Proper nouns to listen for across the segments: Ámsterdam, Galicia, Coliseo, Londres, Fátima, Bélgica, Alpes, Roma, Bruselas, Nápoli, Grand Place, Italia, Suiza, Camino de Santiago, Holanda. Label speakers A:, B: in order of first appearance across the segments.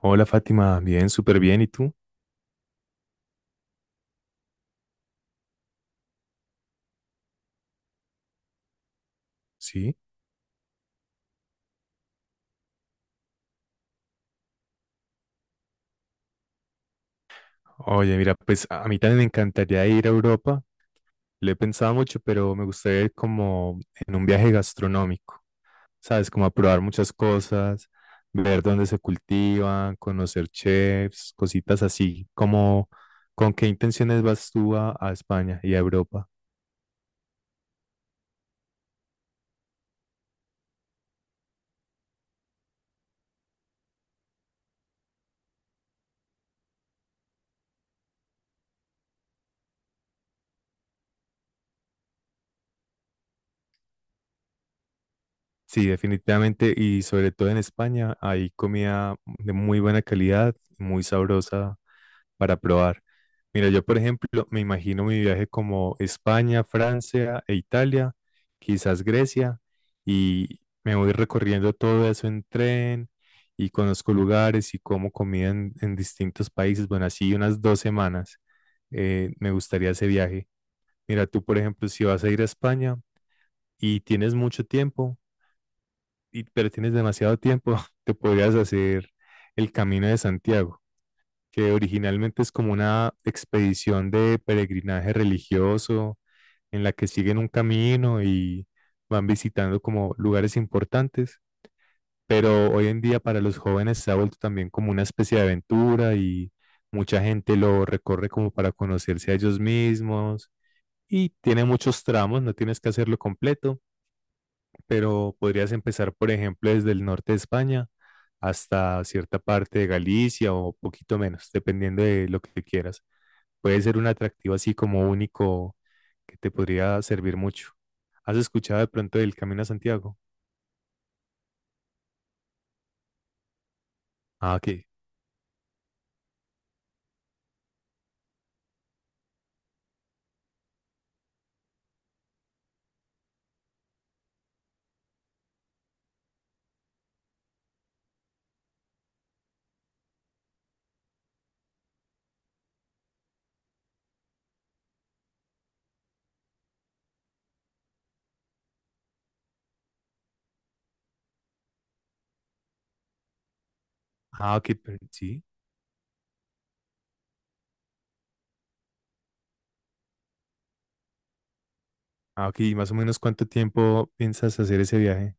A: Hola Fátima, bien, súper bien. ¿Y tú? Sí. Oye, mira, pues a mí también me encantaría ir a Europa. Lo he pensado mucho, pero me gustaría ir como en un viaje gastronómico, ¿sabes? Como a probar muchas cosas, ver dónde se cultivan, conocer chefs, cositas así. Como, ¿con qué intenciones vas tú a España y a Europa? Sí, definitivamente. Y sobre todo en España hay comida de muy buena calidad, muy sabrosa para probar. Mira, yo por ejemplo me imagino mi viaje como España, Francia e Italia, quizás Grecia, y me voy recorriendo todo eso en tren y conozco lugares y como comida en distintos países. Bueno, así unas dos semanas me gustaría ese viaje. Mira, tú por ejemplo, si vas a ir a España y tienes mucho tiempo, pero tienes demasiado tiempo, te podrías hacer el Camino de Santiago que originalmente es como una expedición de peregrinaje religioso en la que siguen un camino y van visitando como lugares importantes, pero hoy en día para los jóvenes se ha vuelto también como una especie de aventura y mucha gente lo recorre como para conocerse a ellos mismos y tiene muchos tramos, no tienes que hacerlo completo, pero podrías empezar, por ejemplo, desde el norte de España hasta cierta parte de Galicia o poquito menos, dependiendo de lo que quieras. Puede ser un atractivo así como único que te podría servir mucho. ¿Has escuchado de pronto del Camino a Santiago? Ah, ok. Ah, ok, pero sí. Ah, ok. ¿Y más o menos cuánto tiempo piensas hacer ese viaje?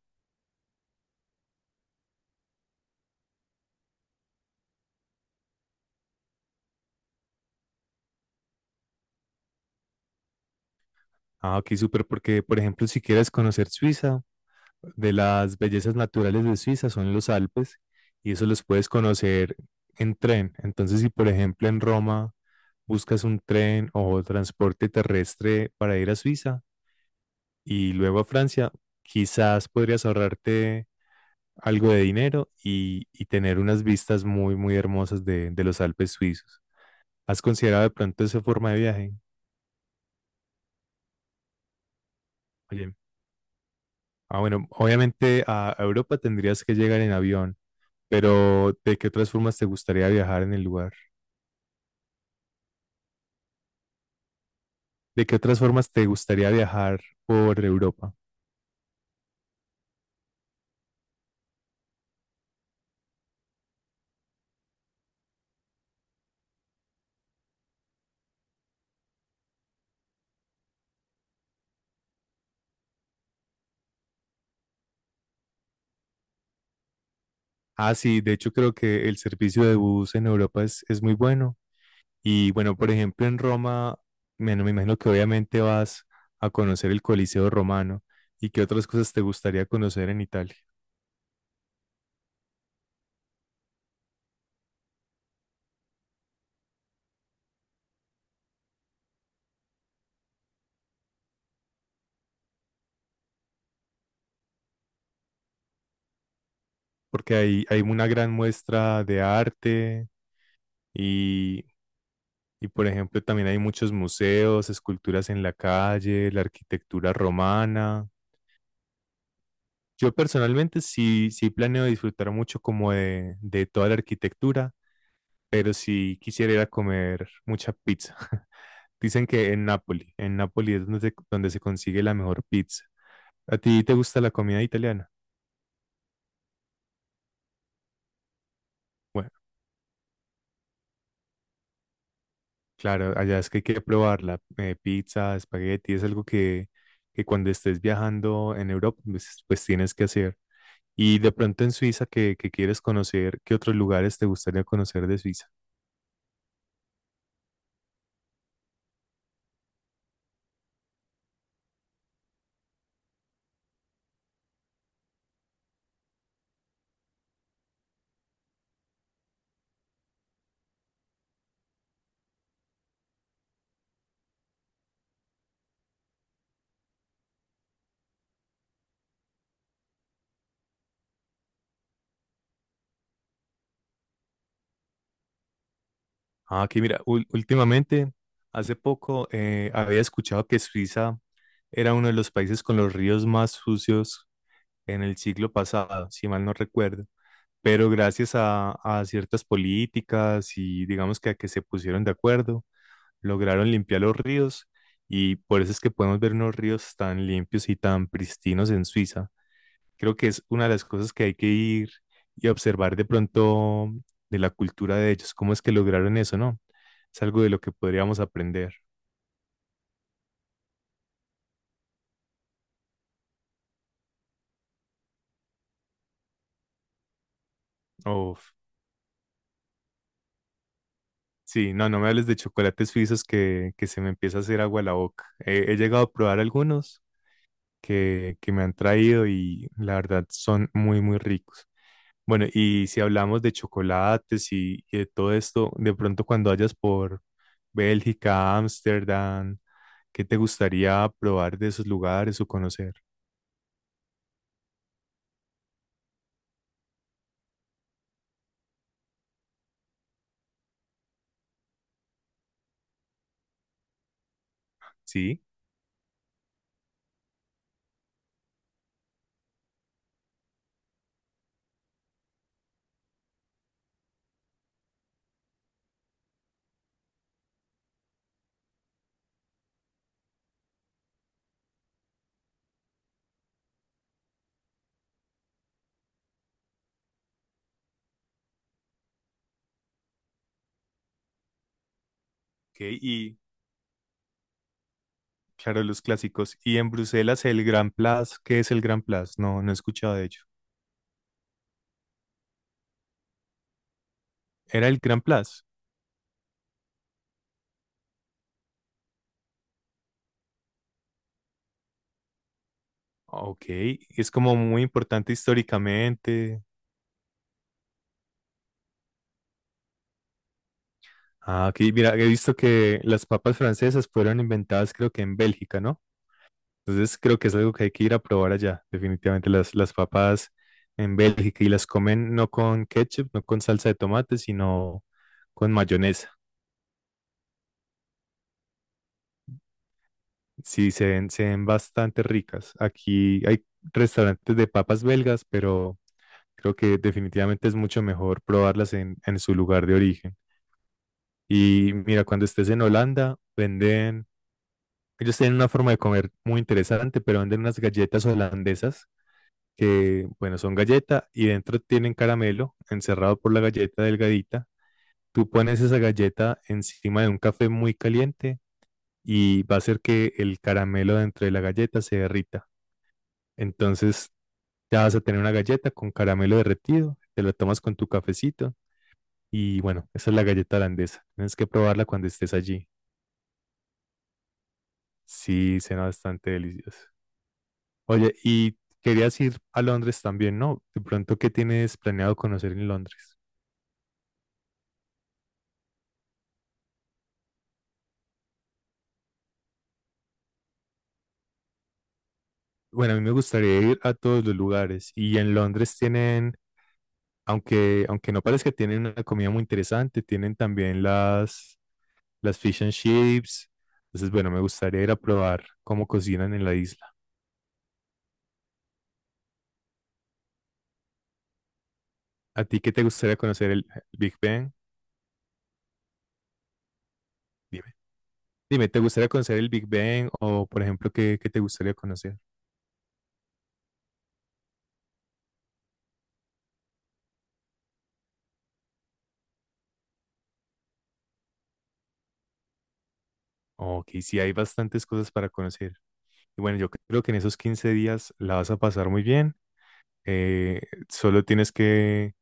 A: Ah, ok, súper, porque por ejemplo, si quieres conocer Suiza, de las bellezas naturales de Suiza son los Alpes y eso los puedes conocer en tren. Entonces, si por ejemplo en Roma buscas un tren o transporte terrestre para ir a Suiza, y luego a Francia, quizás podrías ahorrarte algo de dinero y tener unas vistas muy, muy hermosas de los Alpes suizos. ¿Has considerado de pronto esa forma de viaje? Oye, bueno, obviamente a Europa tendrías que llegar en avión, pero ¿de qué otras formas te gustaría viajar en el lugar? ¿De qué otras formas te gustaría viajar por Europa? Ah, sí, de hecho creo que el servicio de bus en Europa es muy bueno. Y bueno, por ejemplo, en Roma, bueno, me imagino que obviamente vas a conocer el Coliseo romano y qué otras cosas te gustaría conocer en Italia, porque hay una gran muestra de arte y, por ejemplo, también hay muchos museos, esculturas en la calle, la arquitectura romana. Yo personalmente sí, sí planeo disfrutar mucho como de toda la arquitectura pero sí quisiera ir a comer mucha pizza. Dicen que en Nápoli es donde se consigue la mejor pizza. ¿A ti te gusta la comida italiana? Bueno, claro, allá es que hay que probarla. Pizza, espagueti, es algo que cuando estés viajando en Europa, pues, pues tienes que hacer. Y de pronto en Suiza, que quieres conocer, ¿qué otros lugares te gustaría conocer de Suiza? Ah, aquí mira, últimamente, hace poco había escuchado que Suiza era uno de los países con los ríos más sucios en el siglo pasado, si mal no recuerdo, pero gracias a ciertas políticas y digamos que a que se pusieron de acuerdo, lograron limpiar los ríos y por eso es que podemos ver unos ríos tan limpios y tan pristinos en Suiza. Creo que es una de las cosas que hay que ir y observar de pronto de la cultura de ellos, cómo es que lograron eso, ¿no? Es algo de lo que podríamos aprender. Uf, sí, no, no me hables de chocolates suizos que se me empieza a hacer agua la boca. He, he llegado a probar algunos que me han traído y la verdad son muy, muy ricos. Bueno, y si hablamos de chocolates y de todo esto, de pronto cuando vayas por Bélgica, Ámsterdam, ¿qué te gustaría probar de esos lugares o conocer? Sí, ok, y claro, los clásicos. Y en Bruselas, el Grand Place, ¿qué es el Grand Place? No, no he escuchado de ello. ¿Era el Grand Place? Ok, es como muy importante históricamente. Ah, ok, mira, he visto que las papas francesas fueron inventadas creo que en Bélgica, ¿no? Entonces creo que es algo que hay que ir a probar allá. Definitivamente las papas en Bélgica y las comen no con ketchup, no con salsa de tomate, sino con mayonesa. Sí, se ven bastante ricas. Aquí hay restaurantes de papas belgas, pero creo que definitivamente es mucho mejor probarlas en su lugar de origen. Y mira, cuando estés en Holanda, venden, ellos tienen una forma de comer muy interesante, pero venden unas galletas holandesas que, bueno, son galleta y dentro tienen caramelo encerrado por la galleta delgadita. Tú pones esa galleta encima de un café muy caliente y va a hacer que el caramelo dentro de la galleta se derrita. Entonces ya vas a tener una galleta con caramelo derretido, te la tomas con tu cafecito y bueno, esa es la galleta holandesa. Tienes que probarla cuando estés allí. Sí, suena bastante delicioso. Oye, y querías ir a Londres también, ¿no? De pronto, ¿qué tienes planeado conocer en Londres? Bueno, a mí me gustaría ir a todos los lugares y en Londres tienen, aunque, aunque no parezca, tienen una comida muy interesante, tienen también las fish and chips. Entonces, bueno, me gustaría ir a probar cómo cocinan en la isla. ¿A ti qué te gustaría conocer el Big Bang? Dime. Dime, ¿te gustaría conocer el Big Bang o, por ejemplo, qué te gustaría conocer? Oh, ok, sí, hay bastantes cosas para conocer. Y bueno, yo creo que en esos 15 días la vas a pasar muy bien. Eh, solo tienes que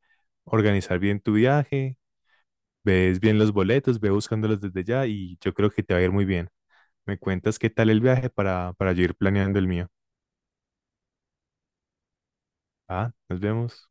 A: organizar bien tu viaje, ves bien los boletos, ve buscándolos desde ya y yo creo que te va a ir muy bien. Me cuentas qué tal el viaje para yo ir planeando el mío. Ah, nos vemos.